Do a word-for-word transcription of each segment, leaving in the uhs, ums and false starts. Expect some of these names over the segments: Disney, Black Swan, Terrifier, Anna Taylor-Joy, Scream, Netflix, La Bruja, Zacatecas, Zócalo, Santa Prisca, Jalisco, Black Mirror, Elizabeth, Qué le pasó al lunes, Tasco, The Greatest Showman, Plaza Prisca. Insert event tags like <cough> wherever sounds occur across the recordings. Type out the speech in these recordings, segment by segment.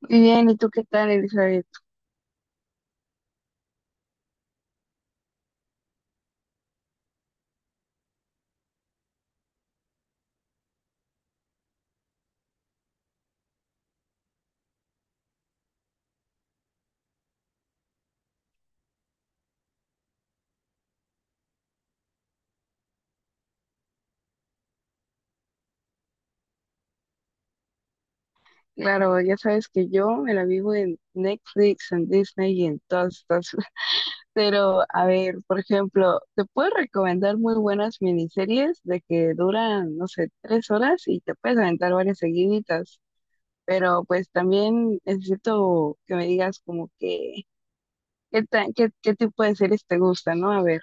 Muy bien, ¿y tú qué tal, Elizabeth? Claro, ya sabes que yo me la vivo en Netflix, en Disney y en todas estas. <laughs> Pero, a ver, por ejemplo, te puedo recomendar muy buenas miniseries de que duran, no sé, tres horas y te puedes aventar varias seguiditas. Pero, pues también necesito que me digas como que, ¿qué tan qué, ¿qué tipo de series te gusta, ¿no? A ver,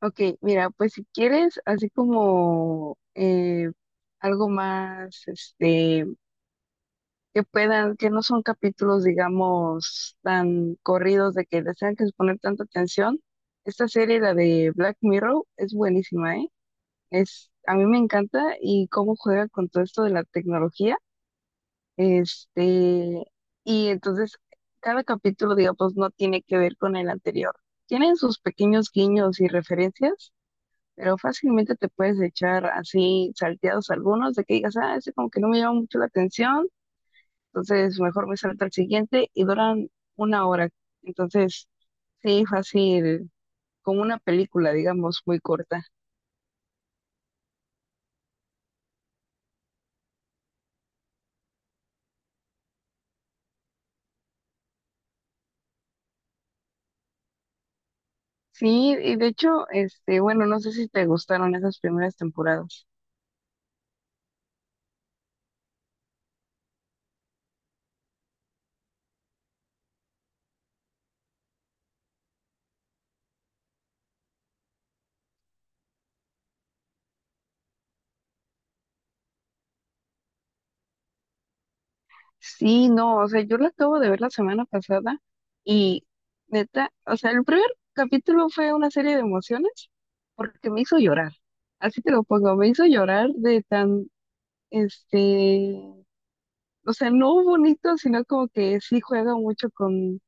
ok, mira, pues si quieres, así como eh, algo más, este que puedan, que no son capítulos, digamos, tan corridos de que les tengan que poner tanta atención. Esta serie, la de Black Mirror, es buenísima, ¿eh? Es, a mí me encanta y cómo juega con todo esto de la tecnología. Este, y entonces, cada capítulo, digamos, no tiene que ver con el anterior. Tienen sus pequeños guiños y referencias, pero fácilmente te puedes echar así salteados algunos de que digas, ah, ese como que no me llama mucho la atención, entonces, mejor me salto al siguiente y duran una hora. Entonces, sí, fácil, como una película, digamos, muy corta. Sí, y de hecho, este, bueno, no sé si te gustaron esas primeras temporadas. Sí, no, o sea, yo la acabo de ver la semana pasada y neta, o sea, el primer capítulo fue una serie de emociones porque me hizo llorar. Así te lo pongo, me hizo llorar de tan, este, o sea, no bonito, sino como que sí juega mucho con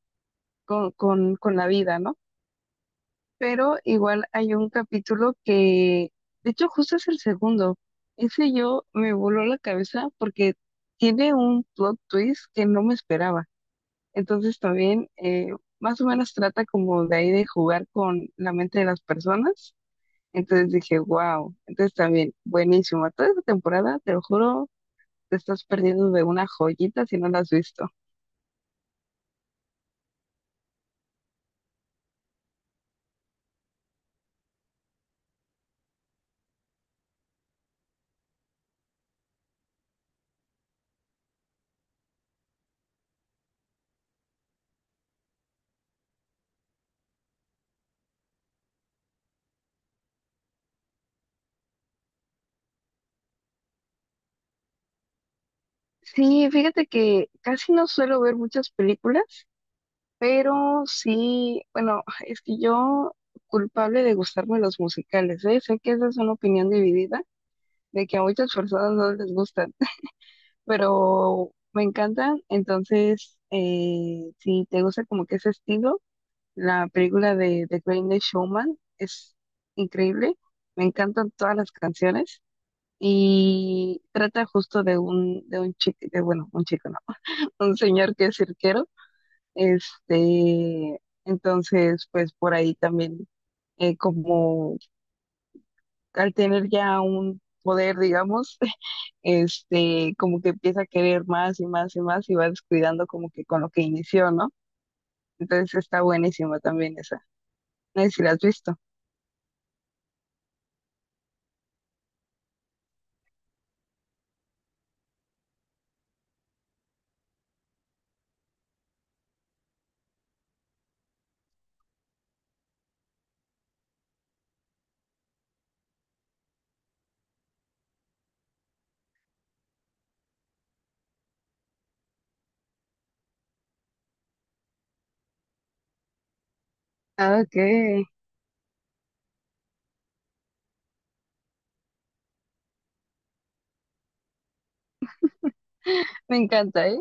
con, con, con la vida, ¿no? Pero igual hay un capítulo que, de hecho, justo es el segundo. Ese yo me voló la cabeza porque tiene un plot twist que no me esperaba. Entonces también eh, más o menos trata como de ahí de jugar con la mente de las personas. Entonces dije, wow. Entonces también, buenísimo. Toda esta temporada, te lo juro, te estás perdiendo de una joyita si no la has visto. Sí, fíjate que casi no suelo ver muchas películas, pero sí, bueno, es que yo culpable de gustarme los musicales, ¿eh? Sé que esa es una opinión dividida, de que a muchas personas no les gustan, <laughs> pero me encantan. Entonces, eh, si te gusta como que ese estilo, la película de The Greatest Showman es increíble. Me encantan todas las canciones y trata justo de un, de un chico, de, bueno, un chico, no, <laughs> un señor que es cirquero, este, entonces, pues por ahí también, eh, como al tener ya un poder, digamos, <laughs> este, como que empieza a querer más y más y más y va descuidando como que con lo que inició, ¿no? Entonces está buenísima también esa. No sé si la has visto. Ah, ok. <laughs> Me encanta, ¿eh?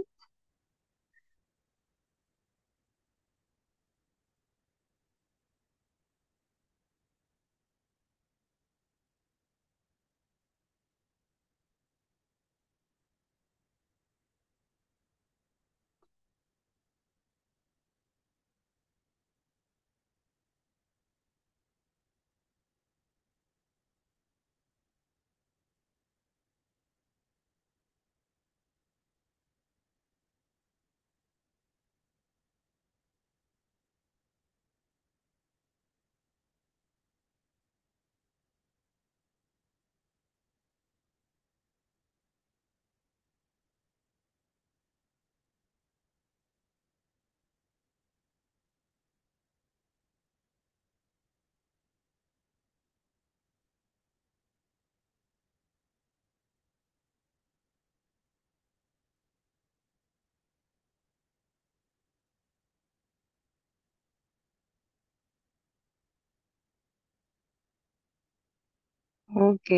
Ok,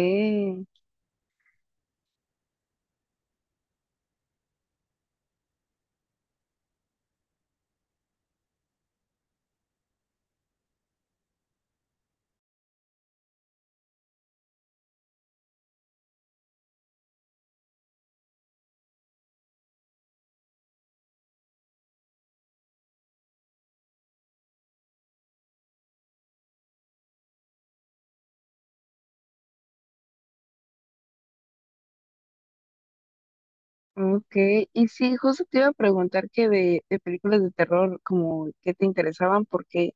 ok. Y sí, justo te iba a preguntar que de, de películas de terror, como que te interesaban, porque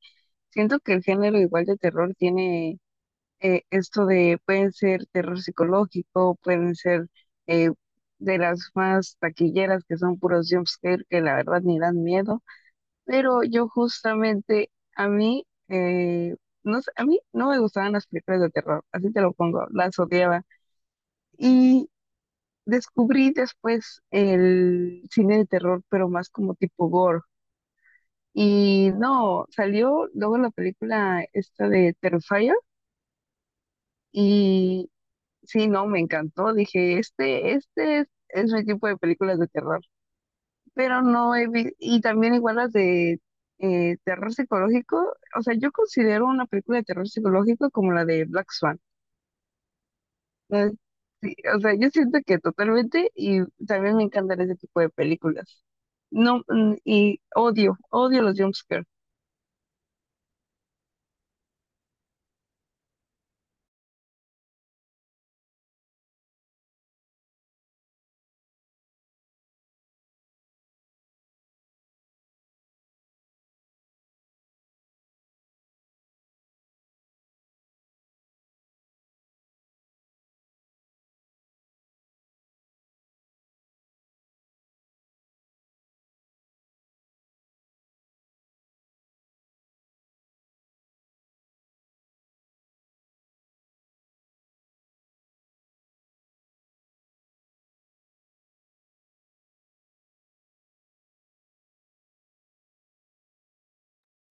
siento que el género igual de terror tiene eh, esto de pueden ser terror psicológico, pueden ser eh, de las más taquilleras que son puros jumpscare que la verdad ni dan miedo, pero yo justamente a mí, eh, no sé, a mí no me gustaban las películas de terror, así te lo pongo, las odiaba y descubrí después el cine de terror, pero más como tipo gore. Y no, salió luego la película esta de Terrifier y sí, no, me encantó. Dije, este, este es, es mi tipo de películas de terror. Pero no he vi- y también igual las de eh, terror psicológico. O sea, yo considero una película de terror psicológico como la de Black Swan. No es- sí, o sea, yo siento que totalmente y también me encantan ese tipo de películas. No, mm, y odio, odio los jumpscares.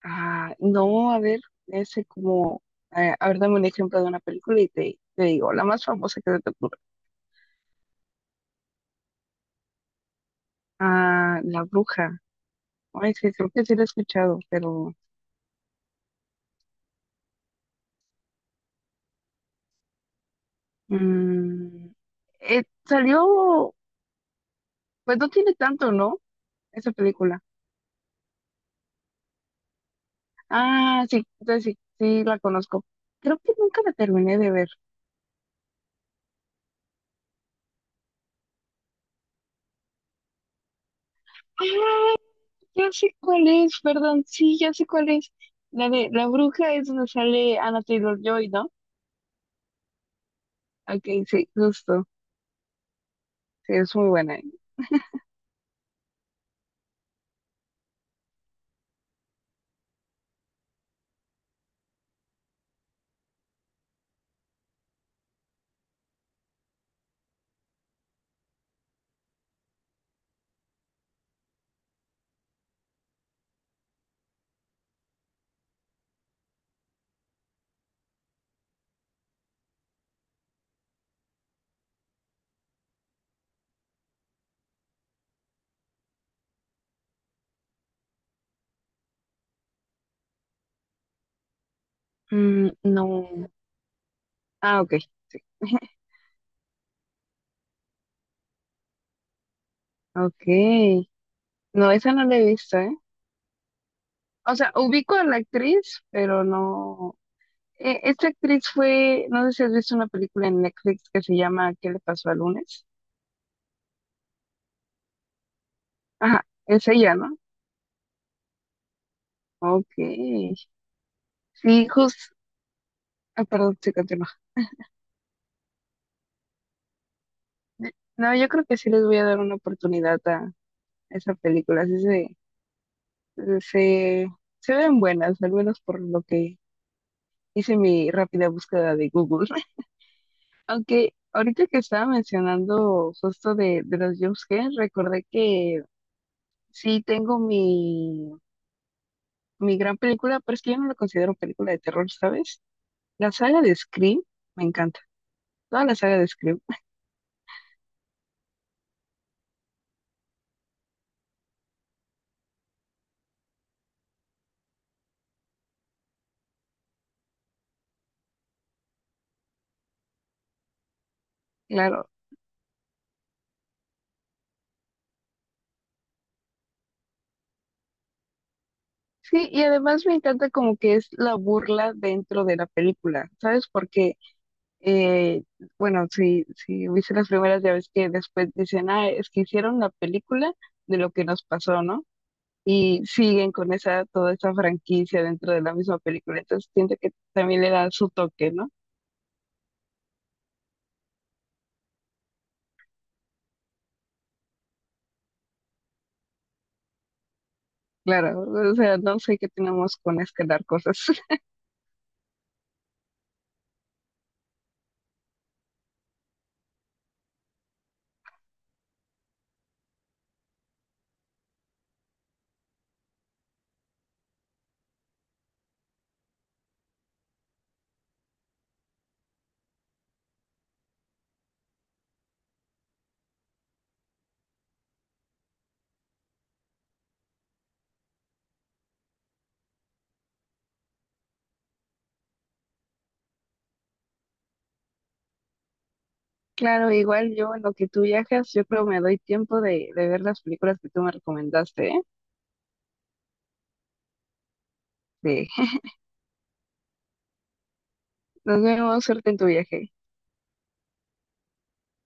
Ah, no, a ver, ese como, eh, a ver, dame un ejemplo de una película y te, te digo, la más famosa que se te ocurre. Ah, La Bruja. Ay, sí, creo que sí lo he escuchado, pero mm, eh, salió, pues no tiene tanto, ¿no? Esa película. Ah, sí, entonces sí, sí la conozco. Creo que nunca la terminé de ver. Ah, ya sé cuál es, perdón, sí, ya sé cuál es. La de La Bruja es donde sale Anna Taylor-Joy, ¿no? Ok, sí, justo. Sí, es muy buena. Mm, no. Ah, ok, sí. <laughs> Ok. No, esa no la he visto, ¿eh? O sea, ubico a la actriz, pero no. Eh, esta actriz fue, no sé si has visto una película en Netflix que se llama ¿Qué le pasó al lunes? Ajá, es ella, ¿no? Ok. Sí, justo. Ah, perdón, se continúa. No, yo creo que sí les voy a dar una oportunidad a esa película. Sí se, se, se ven buenas, al menos por lo que hice mi rápida búsqueda de Google. <laughs> Aunque ahorita que estaba mencionando justo de, de los jumpscares, recordé que sí tengo mi mi gran película, pero es que yo no la considero película de terror, ¿sabes? La saga de Scream me encanta, toda la saga de Scream, claro. Sí, y además me encanta como que es la burla dentro de la película, ¿sabes? Porque, eh, bueno, si, si viste las primeras, ya ves que después dicen, ah, es que hicieron la película de lo que nos pasó, ¿no? Y siguen con esa, toda esa franquicia dentro de la misma película, entonces siento que también le da su toque, ¿no? Claro, o sea, no sé qué tenemos con escalar cosas. <laughs> Claro, igual yo en lo que tú viajas, yo creo me doy tiempo de, de ver las películas que tú me recomendaste, ¿eh? Sí. <laughs> Nos vemos, suerte en tu viaje.